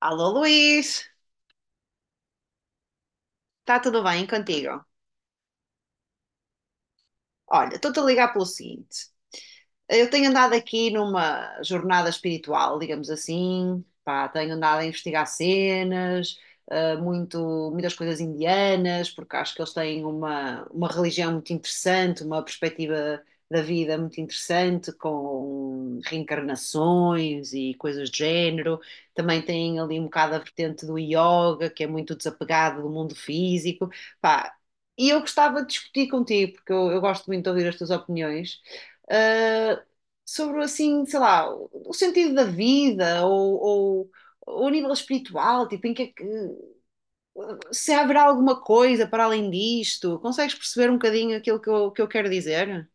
Alô Luís, está tudo bem contigo? Olha, estou-te a ligar pelo seguinte: eu tenho andado aqui numa jornada espiritual, digamos assim, pá, tenho andado a investigar cenas, muitas coisas indianas, porque acho que eles têm uma religião muito interessante, uma perspectiva da vida muito interessante, com reencarnações e coisas do género. Também têm ali um bocado a vertente do yoga, que é muito desapegado do mundo físico. Pá, e eu gostava de discutir contigo, porque eu gosto muito de ouvir as tuas opiniões, ah, sobre assim, sei lá, o sentido da vida ou a nível espiritual, tipo, se haverá alguma coisa para além disto, consegues perceber um bocadinho aquilo que eu quero dizer?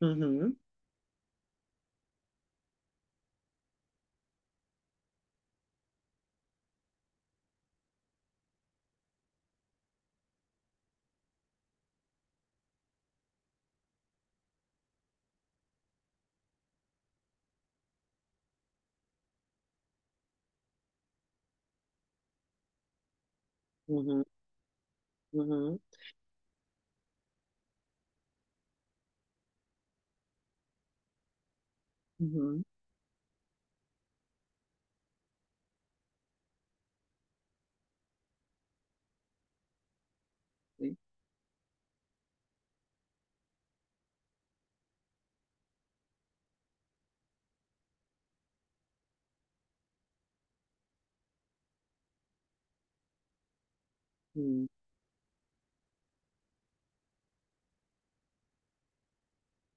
Uhum, uhum, uhum, uhum, sim, uhum,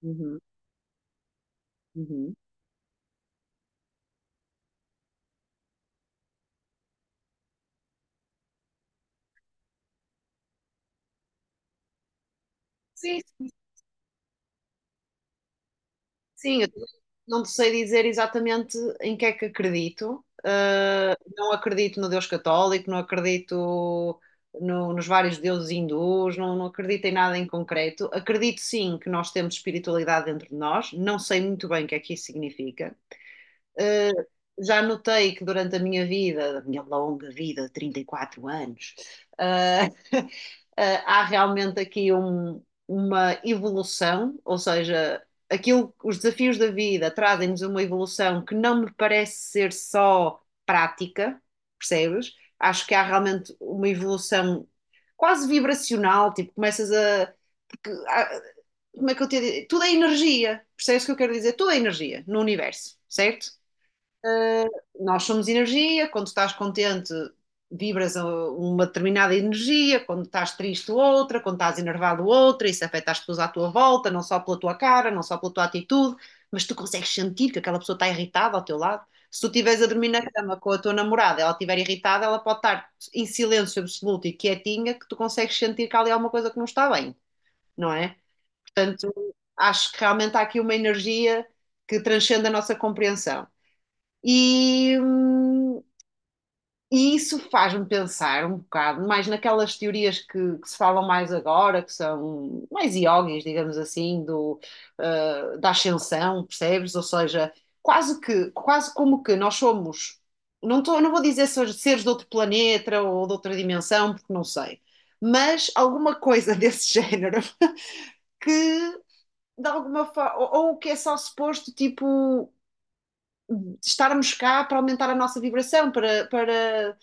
uhum, uhum. Sim, sim, eu também não te sei dizer exatamente em que é que acredito. Não acredito no Deus católico, não acredito nos vários deuses hindus, não acredito em nada em concreto. Acredito sim que nós temos espiritualidade dentro de nós, não sei muito bem o que é que isso significa. Já notei que durante a minha vida, a minha longa vida de 34 anos, uh, há realmente aqui uma evolução, ou seja, aquilo, os desafios da vida trazem-nos uma evolução que não me parece ser só prática, percebes? Acho que há realmente uma evolução quase vibracional, tipo, começas a. Porque como é que eu te digo? Tudo é energia, percebes o que eu quero dizer? Tudo é energia no universo, certo? Nós somos energia, quando estás contente, vibras uma determinada energia, quando estás triste, outra, quando estás enervado, outra, isso afeta as pessoas à tua volta, não só pela tua cara, não só pela tua atitude, mas tu consegues sentir que aquela pessoa está irritada ao teu lado. Se tu estiveres a dormir na cama com a tua namorada, ela estiver irritada, ela pode estar em silêncio absoluto e quietinha, que tu consegues sentir que há ali alguma coisa que não está bem, não é? Portanto, acho que realmente há aqui uma energia que transcende a nossa compreensão. E, hum, e isso faz-me pensar um bocado mais naquelas teorias que se falam mais agora, que são mais yogis, digamos assim, do, da ascensão, percebes? Ou seja, quase como que nós somos, não tô, não vou dizer seres de outro planeta ou de outra dimensão, porque não sei, mas alguma coisa desse género que de alguma forma, ou que é só suposto, tipo, estarmos cá para aumentar a nossa vibração, para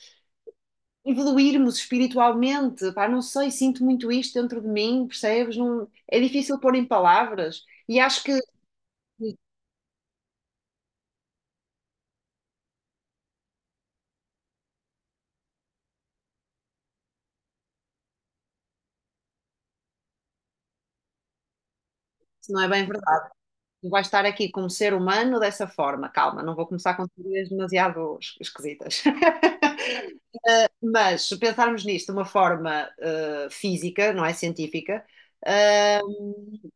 evoluirmos espiritualmente, pá, não sei, sinto muito isto dentro de mim, percebes? Não, é difícil pôr em palavras e acho que isso não é bem verdade. Tu vais estar aqui como ser humano dessa forma, calma, não vou começar com teorias demasiado esquisitas. Mas se pensarmos nisto de uma forma física, não é científica, eh,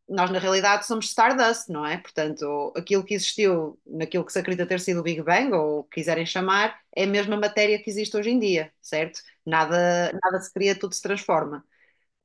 nós na realidade somos Stardust, não é? Portanto, aquilo que existiu naquilo que se acredita ter sido o Big Bang, ou o que quiserem chamar, é a mesma matéria que existe hoje em dia, certo? Nada se cria, tudo se transforma.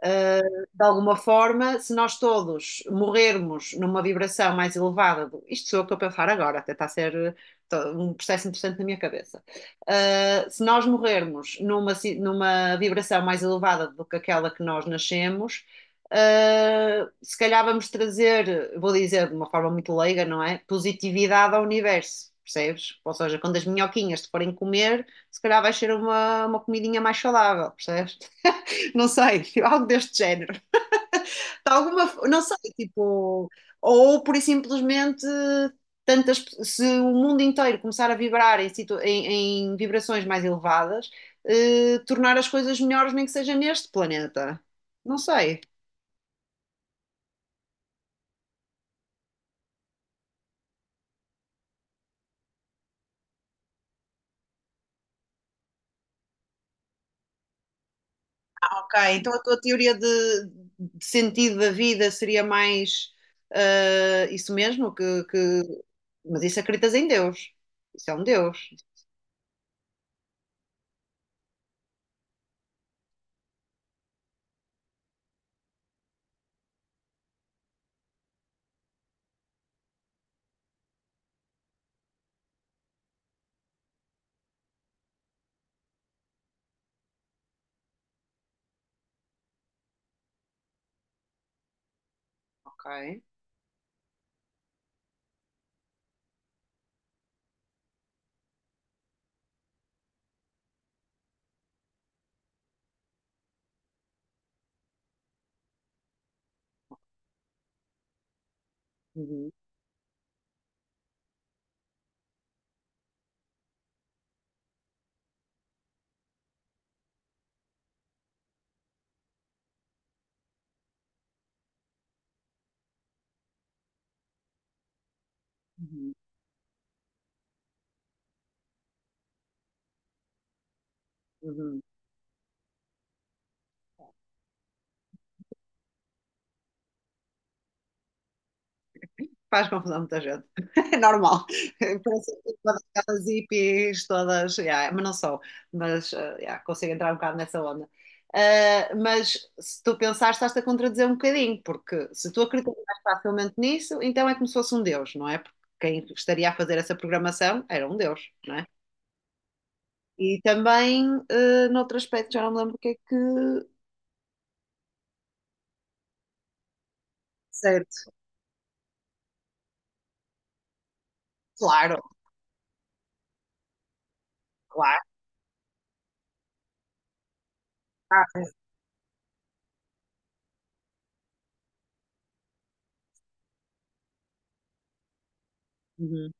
De alguma forma, se nós todos morrermos numa vibração mais elevada, isto sou eu que estou a pensar agora, até está a ser um processo interessante na minha cabeça. Se nós morrermos numa, numa vibração mais elevada do que aquela que nós nascemos, se calhar vamos trazer, vou dizer de uma forma muito leiga, não é? Positividade ao universo. Percebes? Ou seja, quando as minhoquinhas te forem comer, se calhar vai ser uma comidinha mais saudável, percebes? Não sei, algo deste género. De alguma, não sei, tipo, ou por e simplesmente se o mundo inteiro começar a vibrar em vibrações mais elevadas, tornar as coisas melhores, nem que seja neste planeta. Não sei. Ok, então a tua teoria de sentido da vida seria mais isso mesmo, mas isso acreditas em Deus. Isso é um Deus. Ok. Uhum, uhum, uhum. Faz confusão a muita gente. É normal. Parece que todas aquelas hippies, todas, yeah, mas não sou, mas yeah, consigo entrar um bocado nessa onda. Mas se tu pensares, estás-te a contradizer um bocadinho, porque se tu acreditas mais facilmente nisso, então é como se fosse um Deus, não é? Porque quem estaria a fazer essa programação era um Deus, não é? E também, noutro aspecto, já não me lembro o que é que. Certo. Claro, claro. Ah, uhum.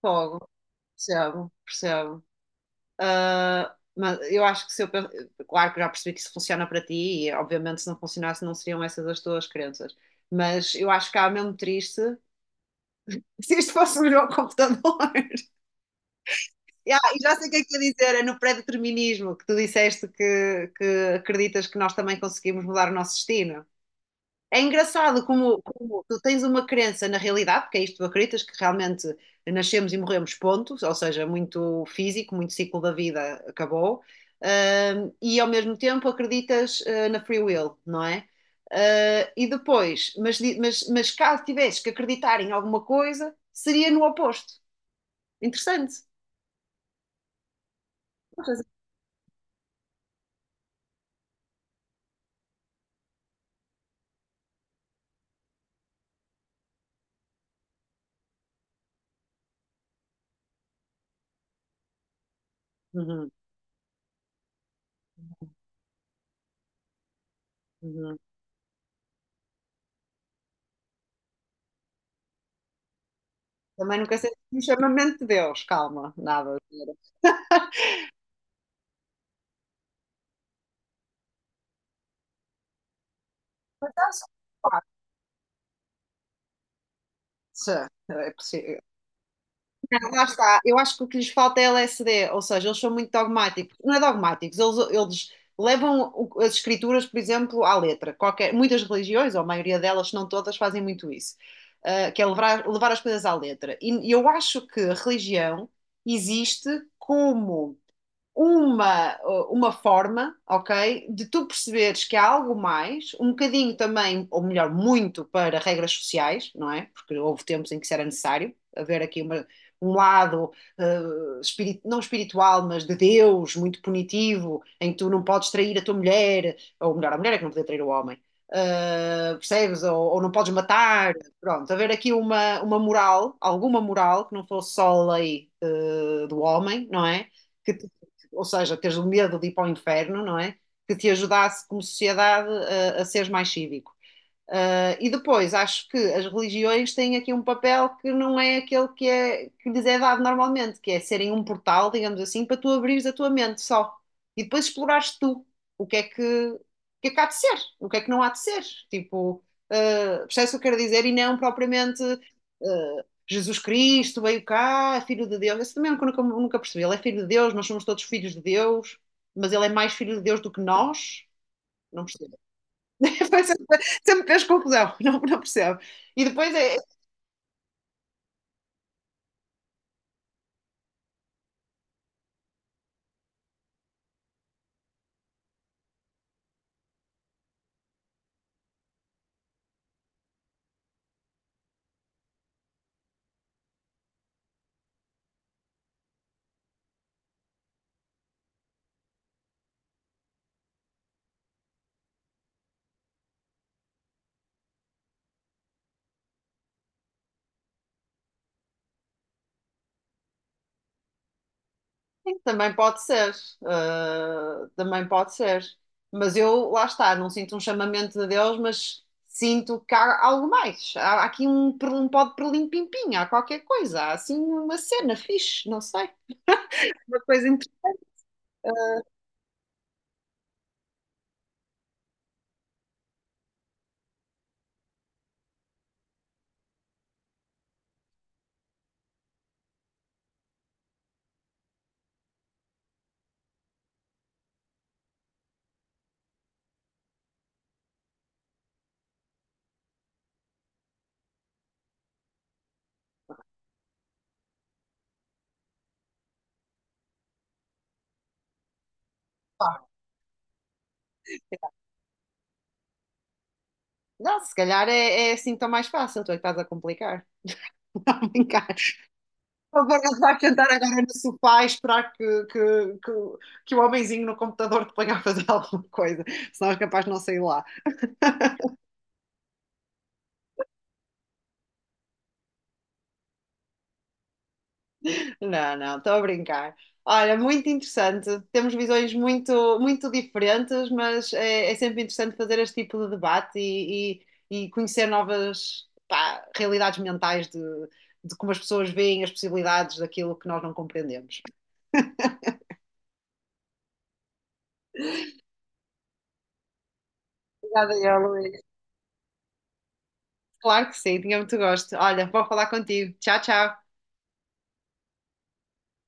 Fogo, percebo, percebo. Ah, mas eu acho que se eu. Claro que já percebi que isso funciona para ti, e obviamente se não funcionasse não seriam essas as tuas crenças. Mas eu acho que há mesmo triste se isto fosse o meu computador. Ya, e já sei o que é que ia dizer, é no pré-determinismo que tu disseste que acreditas que nós também conseguimos mudar o nosso destino. É engraçado como, como tu tens uma crença na realidade, porque é isto que tu acreditas, que realmente nascemos e morremos, ponto, ou seja, muito físico, muito ciclo da vida acabou, e ao mesmo tempo acreditas na free will, não é? E depois, mas caso tivesses que acreditar em alguma coisa, seria no oposto. Interessante. Uhum, uhum. Também nunca sei se um chamamento de Deus, calma, nada. Mas há só partes. É possi- Não, lá está. Eu acho que o que lhes falta é LSD, ou seja, eles são muito dogmáticos. Não é dogmáticos, eles levam as escrituras, por exemplo, à letra. Qualquer, muitas religiões, ou a maioria delas, se não todas, fazem muito isso, que é levar, levar as coisas à letra. E eu acho que a religião existe como uma, uma forma, ok, de tu perceberes que há algo mais, um bocadinho também, ou melhor, muito para regras sociais, não é? Porque houve tempos em que isso era necessário, haver aqui um lado, eh, não espiritual, mas de Deus, muito punitivo, em que tu não podes trair a tua mulher, ou melhor, a mulher é que não podia trair o homem. Percebes? Ou não podes matar, pronto, haver aqui uma moral, alguma moral que não fosse só a lei do homem, não é? Que ou seja, teres o medo de ir para o inferno, não é? Que te ajudasse como sociedade a seres mais cívico. E depois, acho que as religiões têm aqui um papel que não é aquele é, que lhes é dado normalmente, que é serem um portal, digamos assim, para tu abrires a tua mente só. E depois explorares tu o que é que, é que há de ser, o que é que não há de ser. Tipo, percebes o que eu quero dizer? E não propriamente Jesus Cristo veio cá, é filho de Deus. Isso também eu nunca percebi. Ele é filho de Deus, nós somos todos filhos de Deus, mas ele é mais filho de Deus do que nós. Não percebo. Foi sempre, sempre fez confusão, não percebo. E depois sim, também pode ser, ah, também pode ser. Mas eu, lá está, não sinto um chamamento de Deus, mas sinto que há algo mais. Há, há aqui um pó de perlim-pim-pim, há qualquer coisa, há assim uma cena fixe, não sei, uma coisa interessante. Não, se calhar é assim tão mais fácil, tu é que estás a complicar. Não, brincar. Por favor, não vais sentar agora no sofá e esperar que, que o homenzinho no computador te ponha a fazer alguma coisa, senão és capaz de não sair lá. Não, não, estou a brincar. Olha, muito interessante. Temos visões muito, muito diferentes, mas é, é sempre interessante fazer este tipo de debate e conhecer novas, pá, realidades mentais de como as pessoas veem as possibilidades daquilo que nós não compreendemos. Obrigada, eu, Luís. Claro que sim, tinha muito gosto. Olha, vou falar contigo. Tchau, tchau.